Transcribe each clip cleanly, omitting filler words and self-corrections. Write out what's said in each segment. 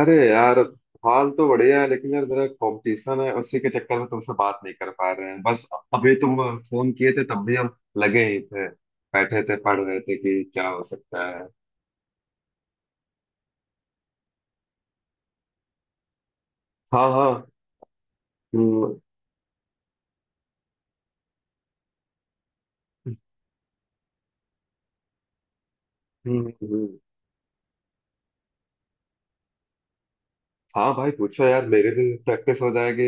अरे यार, हाल तो बढ़िया है लेकिन यार मेरा कंपटीशन है, उसी के चक्कर में तुमसे बात नहीं कर पा रहे हैं। बस अभी तुम फोन किए थे तब भी हम लगे ही थे, बैठे थे पढ़ रहे थे कि क्या हो सकता है। हाँ हाँ। हम्म, हम्म, हम्म। हाँ भाई पूछो यार, मेरे भी प्रैक्टिस हो जाएगी,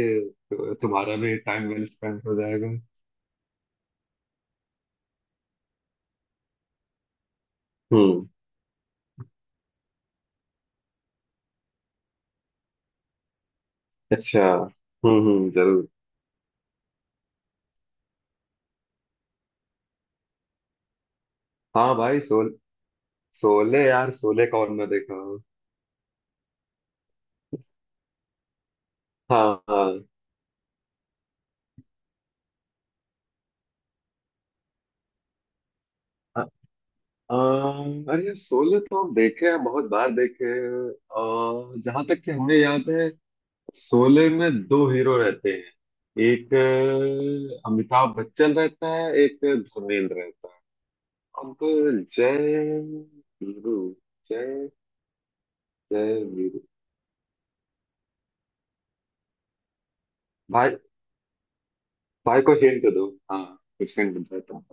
तुम्हारा भी टाइम वेल स्पेंड हो जाएगा। हम्म। अच्छा। हम्म, जरूर। हाँ भाई सोल, सोले यार, सोले कौन ना देखा हो। हाँ हाँ। अरे यार, शोले तो हम देखे हैं, बहुत बार देखे हैं। और जहां तक कि हमें याद है, शोले में दो हीरो रहते हैं, एक अमिताभ बच्चन रहता है, एक धर्मेंद्र रहता है। अब जय वीरू, जय, जय वीरू। भाई, भाई को हिंट दो। हाँ, कुछ हिंट देता हूँ।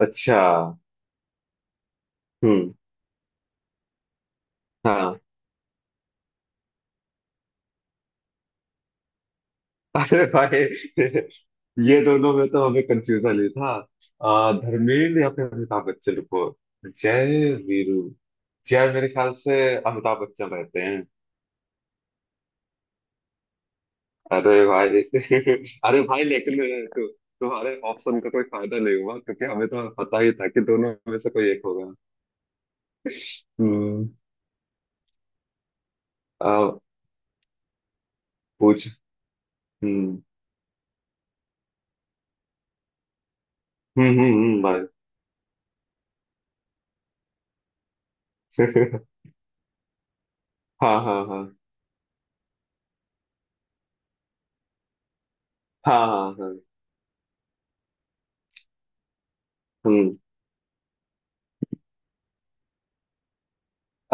अच्छा। हम्म। हाँ। अरे भाई, ये दोनों में तो हमें कंफ्यूजन ही था। धर्मेंद्र या फिर अमिताभ बच्चन को। जय वीरू, जय मेरे ख्याल से अमिताभ बच्चन रहते हैं। अरे भाई अरे भाई लेकिन तु, तुम्हारे ऑप्शन का कोई फायदा नहीं हुआ, क्योंकि हमें तो पता ही था कि दोनों में से कोई एक होगा। हम्म। आ, पूछ। हम्म भाई। हाँ हाँ हाँ। हाँ हाँ हाँ। हम्म।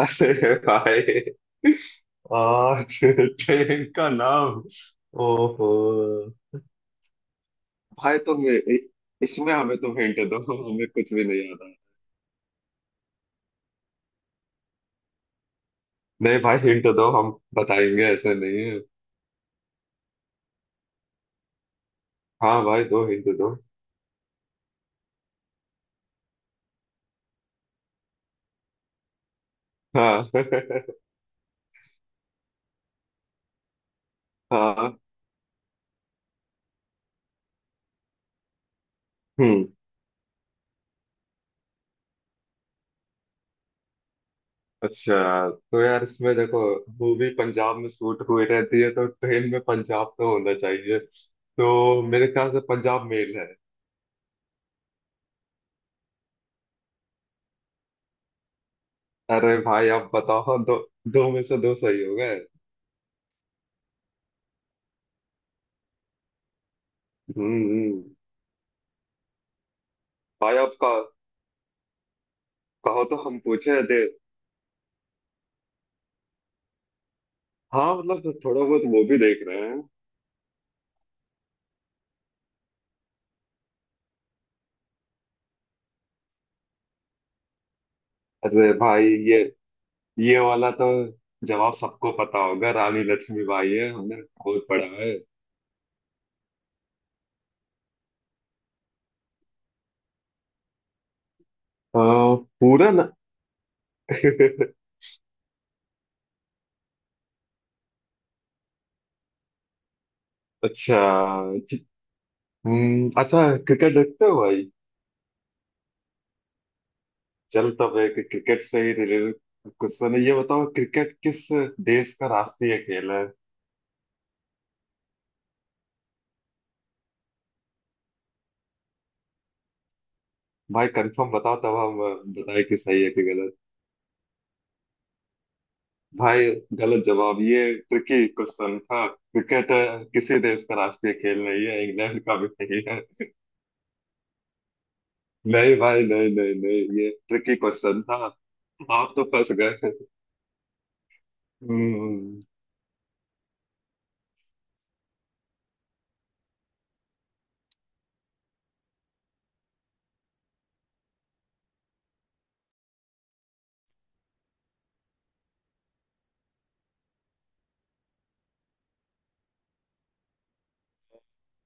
अरे भाई। आ ट्रेन का नाम। ओहो भाई, इसमें हमें तुम हिंट दो, हमें कुछ भी नहीं आता। नहीं भाई, हिंट दो, हम बताएंगे, ऐसे नहीं है। हाँ भाई, दो हिंट दो। हाँ हाँ। हम्म। अच्छा तो यार, इसमें देखो, मूवी पंजाब में शूट हुई रहती है तो ट्रेन में पंजाब तो होना चाहिए। तो मेरे ख्याल से पंजाब मेल है। अरे भाई आप बताओ, दो दो में से दो सही हो गए। हम्म हम्म। भाई आपका कहो तो हम पूछे थे। हाँ मतलब तो थोड़ा बहुत वो भी देख रहे हैं। अरे भाई, ये वाला तो जवाब सबको पता होगा, रानी लक्ष्मीबाई है, हमने बहुत पढ़ा है। पूरा ना। अच्छा। च- अच्छा, क्रिकेट देखते हो भाई? चल तब एक क्रिकेट से ही रिलेटेड क्वेश्चन है, ये बताओ क्रिकेट किस देश का राष्ट्रीय खेल है? भाई कंफर्म बताओ तब हम बताए कि सही है कि। भाई गलत जवाब, ये ट्रिकी क्वेश्चन था, क्रिकेट किसी देश का राष्ट्रीय खेल नहीं है, इंग्लैंड का भी नहीं है। नहीं भाई, नहीं नहीं नहीं, ये ट्रिकी क्वेश्चन था। आप तो फंस गए। हम्म।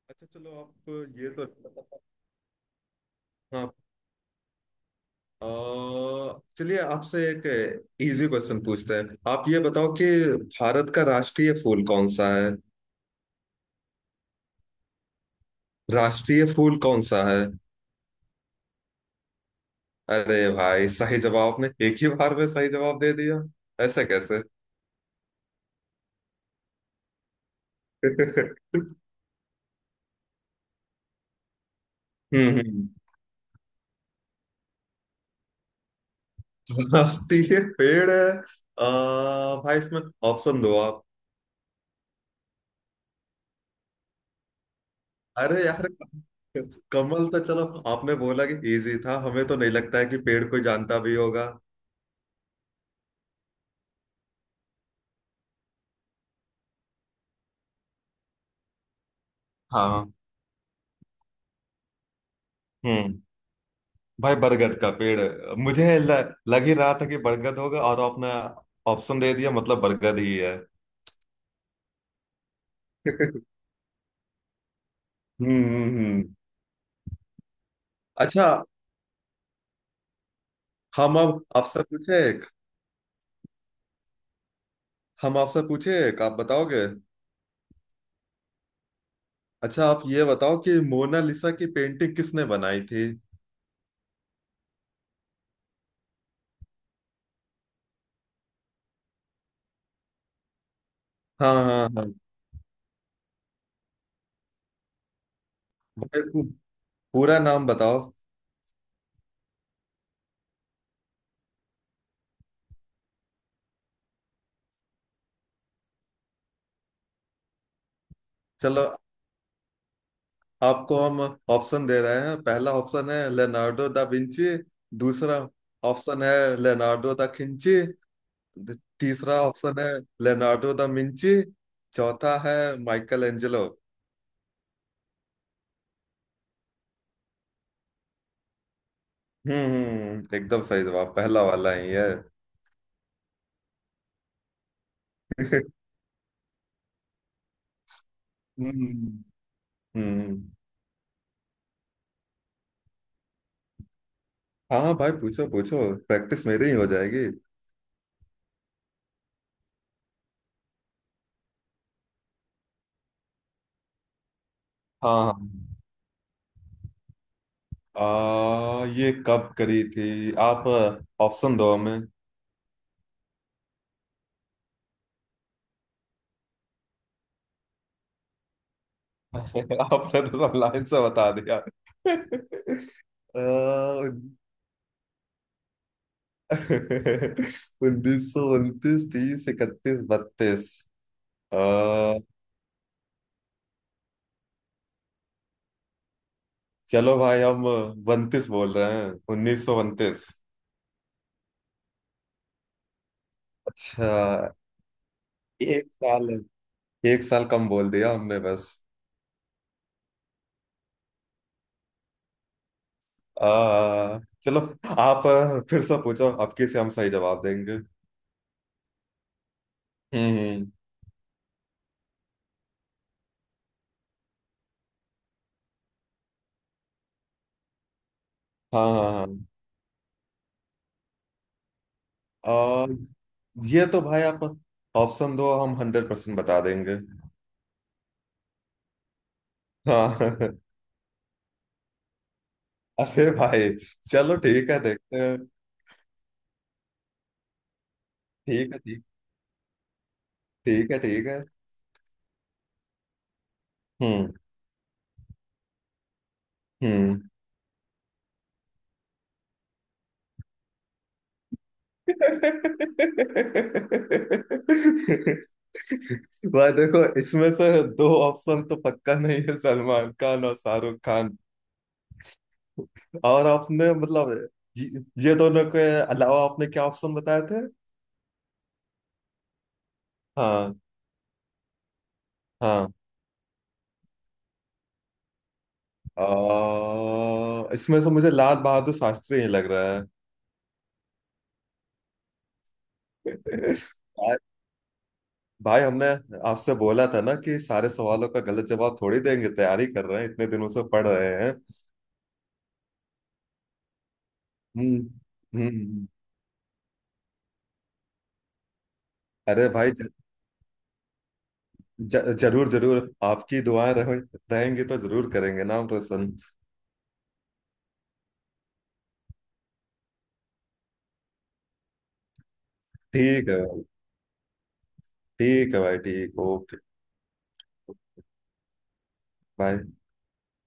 अच्छा चलो, आप ये तो। हाँ। चलिए आपसे एक इजी क्वेश्चन पूछते हैं, आप ये बताओ कि भारत का राष्ट्रीय फूल कौन सा है? राष्ट्रीय फूल कौन सा है? अरे भाई, सही जवाब आपने एक ही बार में दे दिया, ऐसा कैसे। हम्म हम्म। मस्ती है, पेड़ है। भाई इसमें ऑप्शन दो आप। अरे यार, कमल तो चलो आपने बोला कि इजी था, हमें तो नहीं लगता है कि पेड़ कोई जानता भी होगा। हाँ। हम्म। भाई बरगद का पेड़ है। मुझे लग ही रहा था कि बरगद होगा और आपने ऑप्शन दे दिया, मतलब बरगद ही है। हम्म हम्म, हम्म। अच्छा। हम अब आपसे पूछे एक। हम आपसे पूछे एक, आप बताओगे? अच्छा, आप ये बताओ कि मोनालिसा की पेंटिंग किसने बनाई थी? हाँ हाँ हाँ। मेरे को पूरा नाम बताओ। चलो आपको हम ऑप्शन दे रहे हैं, पहला ऑप्शन है लेनार्डो दा विंची, दूसरा ऑप्शन है लेनार्डो दा खिंची, तीसरा ऑप्शन है लेनार्डो दा मिंची, चौथा है माइकल एंजेलो। एकदम सही जवाब, पहला वाला ही है। हम्म। हम्म। हाँ भाई पूछो पूछो, प्रैक्टिस मेरी ही हो जाएगी। हाँ हाँ। ये कब करी थी? आप ऑप्शन दो हमें। आपने तो सब लाइन से बता दिया। 1929, 30, 31, 32। अह, चलो भाई, हम उनतीस बोल रहे हैं, 1929। अच्छा, एक साल, एक साल कम बोल दिया हमने बस। चलो, आप फिर से पूछो, आपके से हम सही जवाब देंगे। हम्म। हाँ हाँ हाँ। अह, ये तो भाई, आप ऑप्शन दो, हम 100% बता देंगे। हाँ अरे भाई चलो ठीक है, देखते हैं। ठीक है, ठीक, ठीक है, ठीक है। हम्म। हम्म। भाई देखो इसमें से दो ऑप्शन तो पक्का नहीं है, सलमान खान और शाहरुख खान। और आपने मतलब ये ये दोनों के अलावा आपने क्या ऑप्शन बताए थे? हाँ हाँ। इसमें से मुझे लाल बहादुर शास्त्री ही लग रहा है। भाई हमने आपसे बोला था ना कि सारे सवालों का गलत जवाब थोड़ी देंगे, तैयारी कर रहे हैं, इतने दिनों से पढ़ रहे हैं। हम्म हम्म हम्म। अरे भाई ज, ज, जरूर जरूर, आपकी दुआएं रहेंगी तो जरूर करेंगे नाम रोशन। ठीक है भाई, ठीक है भाई, ठीक, ओके, बाय।